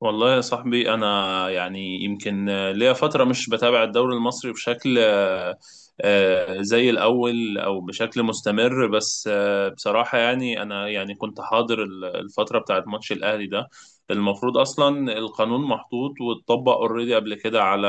والله يا صاحبي، انا يمكن ليا فتره مش بتابع الدوري المصري بشكل زي الاول او بشكل مستمر. بس آه، بصراحه يعني انا يعني كنت حاضر الفتره بتاعت ماتش الاهلي ده. المفروض اصلا القانون محطوط واتطبق اوريدي قبل كده على،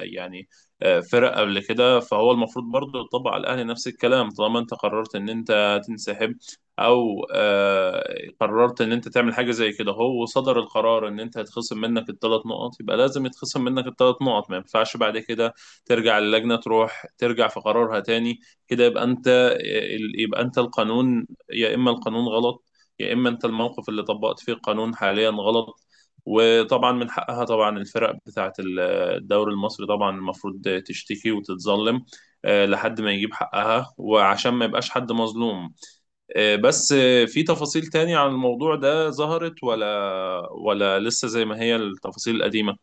يعني، فرق قبل كده، فهو المفروض برضه يطبق على الاهلي نفس الكلام. طالما انت قررت ان انت تنسحب او آه، قررت ان انت تعمل حاجه زي كده، هو صدر القرار ان انت هيتخصم منك الثلاث نقط، يبقى لازم يتخصم منك الثلاث نقط. ما ينفعش بعد كده ترجع للجنه، تروح ترجع في قرارها تاني. كده يبقى انت القانون. يا اما القانون غلط، يا اما انت الموقف اللي طبقت فيه القانون حاليا غلط. وطبعا من حقها، طبعا، الفرق بتاعت الدوري المصري، طبعا المفروض تشتكي وتتظلم، لحد ما يجيب حقها وعشان ما يبقاش حد مظلوم. آه، بس آه، في تفاصيل تانية عن الموضوع ده ظهرت، ولا لسه زي ما هي التفاصيل القديمة؟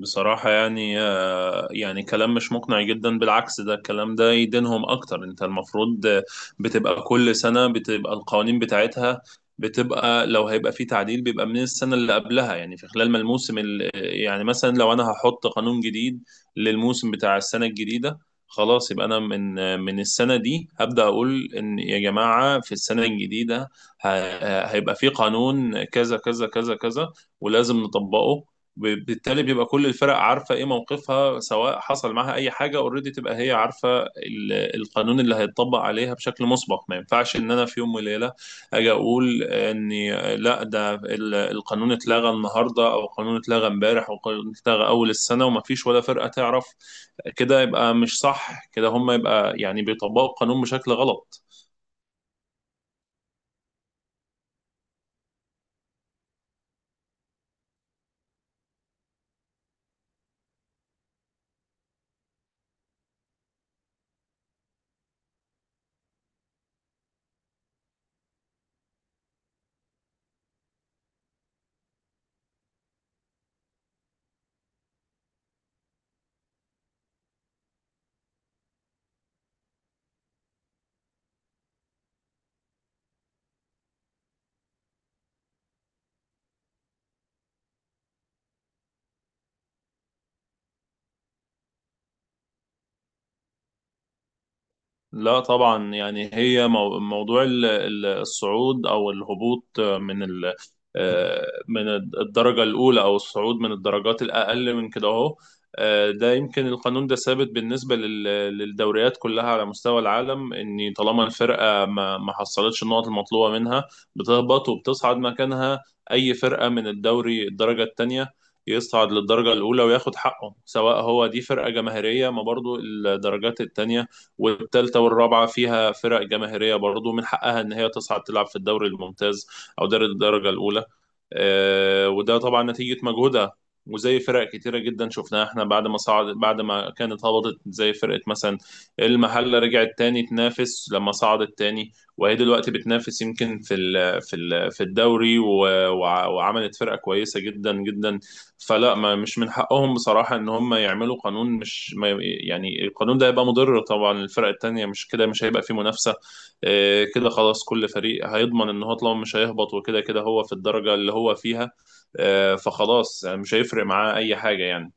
بصراحة يعني كلام مش مقنع جدا، بالعكس، ده الكلام ده يدينهم أكتر. أنت المفروض، بتبقى كل سنة بتبقى القوانين بتاعتها، بتبقى لو هيبقى في تعديل بيبقى من السنة اللي قبلها. يعني في خلال ما الموسم يعني، مثلا لو أنا هحط قانون جديد للموسم بتاع السنة الجديدة، خلاص يبقى أنا من من السنة دي هبدأ أقول إن يا جماعة في السنة الجديدة هيبقى في قانون كذا كذا كذا كذا ولازم نطبقه. وبالتالي بيبقى كل الفرق عارفه ايه موقفها، سواء حصل معاها اي حاجه اوريدي، تبقى هي عارفه القانون اللي هيتطبق عليها بشكل مسبق. ما ينفعش ان انا في يوم وليله اجي اقول اني لا، ده القانون اتلغى النهارده، او القانون اتلغى امبارح، او القانون اتلغى اول السنه وما فيش ولا فرقه تعرف. كده يبقى مش صح، كده هم يبقى يعني بيطبقوا القانون بشكل غلط. لا طبعا، يعني هي موضوع الصعود او الهبوط من من الدرجه الاولى، او الصعود من الدرجات الاقل من كده اهو. ده يمكن القانون ده ثابت بالنسبه للدوريات كلها على مستوى العالم، ان طالما الفرقه ما حصلتش النقط المطلوبه منها، بتهبط وبتصعد مكانها اي فرقه من الدوري الدرجه الثانيه يصعد للدرجة الأولى وياخد حقه. سواء هو دي فرقة جماهيرية، ما برضو الدرجات التانية والثالثه والرابعه فيها فرق جماهيريه برضو من حقها ان هي تصعد تلعب في الدوري الممتاز او دوري الدرجه الاولى. وده طبعا نتيجه مجهودها. وزي فرق كتيرة جدا شفناها احنا بعد ما صعد بعد ما كانت هبطت، زي فرقة مثلا المحلة، رجعت تاني تنافس لما صعدت تاني، وهي دلوقتي بتنافس يمكن في الدوري وعملت فرقة كويسة جدا جدا. فلا، ما مش من حقهم بصراحة ان هم يعملوا قانون مش، ما يعني، القانون ده هيبقى مضر طبعا للفرق التانية. مش كده مش هيبقى فيه منافسة، كده خلاص كل فريق هيضمن ان هو طالما مش هيهبط، وكده كده هو في الدرجة اللي هو فيها، فخلاص يعني مش هيفرق معاه اي حاجة يعني.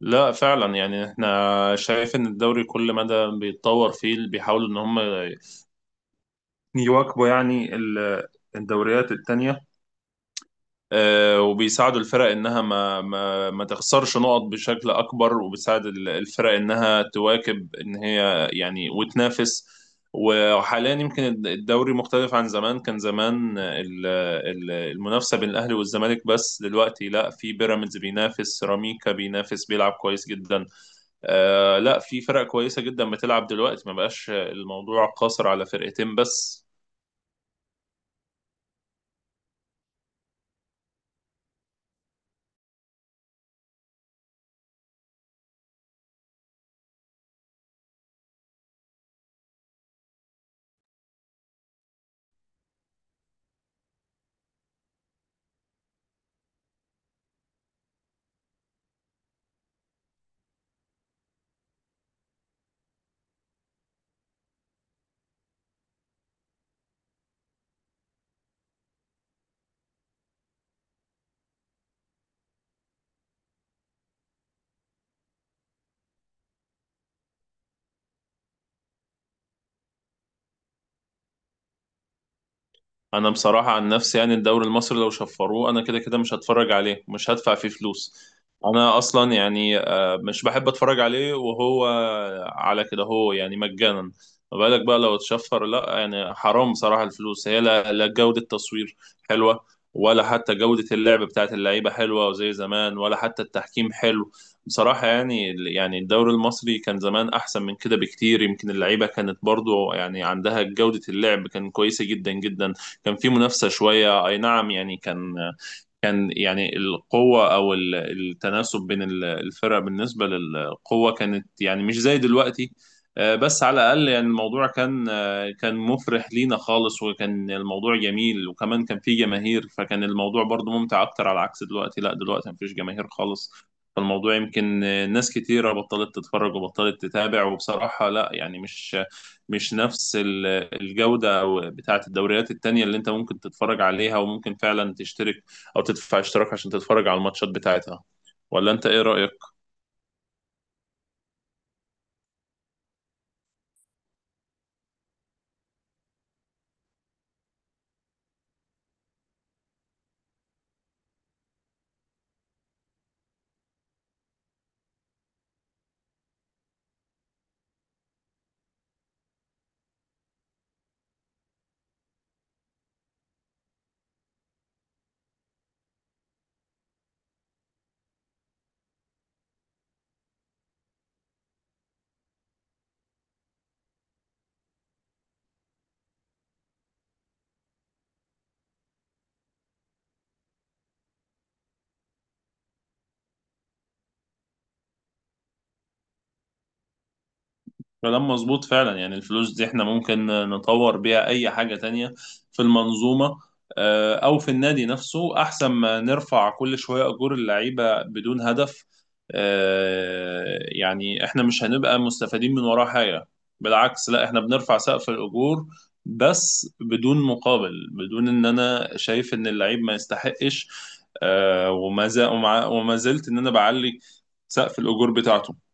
لا فعلا، يعني احنا شايف ان الدوري كل مدى بيتطور فيه، بيحاولوا ان هم يواكبوا يعني الدوريات التانية. وبيساعدوا الفرق انها ما تخسرش نقط بشكل اكبر، وبيساعد الفرق انها تواكب ان هي يعني وتنافس. وحاليا يمكن الدوري مختلف عن زمان. كان زمان المنافسة بين الاهلي والزمالك بس، دلوقتي لا، في بيراميدز بينافس، سيراميكا بينافس بيلعب كويس جدا. آه لا، في فرق كويسة جدا بتلعب دلوقتي، ما بقاش الموضوع قاصر على فرقتين بس. انا بصراحه عن نفسي يعني الدوري المصري لو شفروه انا كده كده مش هتفرج عليه، مش هدفع فيه فلوس. انا اصلا يعني مش بحب اتفرج عليه وهو على كده، هو يعني مجانا، ما بالك بقى لو اتشفر. لا يعني حرام بصراحه الفلوس. هي لا، لا جوده تصوير حلوه، ولا حتى جوده اللعب بتاعت اللعيبه حلوه وزي زمان، ولا حتى التحكيم حلو. بصراحه يعني الدوري المصري كان زمان احسن من كده بكتير. يمكن اللعيبه كانت برضو يعني عندها جوده، اللعب كان كويسه جدا جدا، كان في منافسه شويه، اي نعم، يعني كان يعني القوة أو التناسب بين الفرق بالنسبة للقوة كانت يعني مش زي دلوقتي. بس على الأقل يعني الموضوع كان، كان مفرح لينا خالص، وكان الموضوع جميل، وكمان كان فيه جماهير، فكان الموضوع برضو ممتع أكتر. على عكس دلوقتي، لا، دلوقتي مفيش جماهير خالص، فالموضوع يمكن ناس كتيرة بطلت تتفرج وبطلت تتابع. وبصراحة لا يعني مش نفس الجودة أو بتاعة الدوريات التانية اللي أنت ممكن تتفرج عليها وممكن فعلا تشترك او تدفع اشتراك عشان تتفرج على الماتشات بتاعتها. ولا انت ايه رأيك؟ كلام مظبوط فعلا. يعني الفلوس دي احنا ممكن نطور بيها اي حاجة تانية في المنظومة، او في النادي نفسه، احسن ما نرفع كل شوية اجور اللعيبة بدون هدف. يعني احنا مش هنبقى مستفيدين من وراه حاجة، بالعكس، لا، احنا بنرفع سقف الاجور بس بدون مقابل، بدون ان، انا شايف ان اللعيب ما يستحقش، وما زلت ان انا بعلي سقف الاجور بتاعته.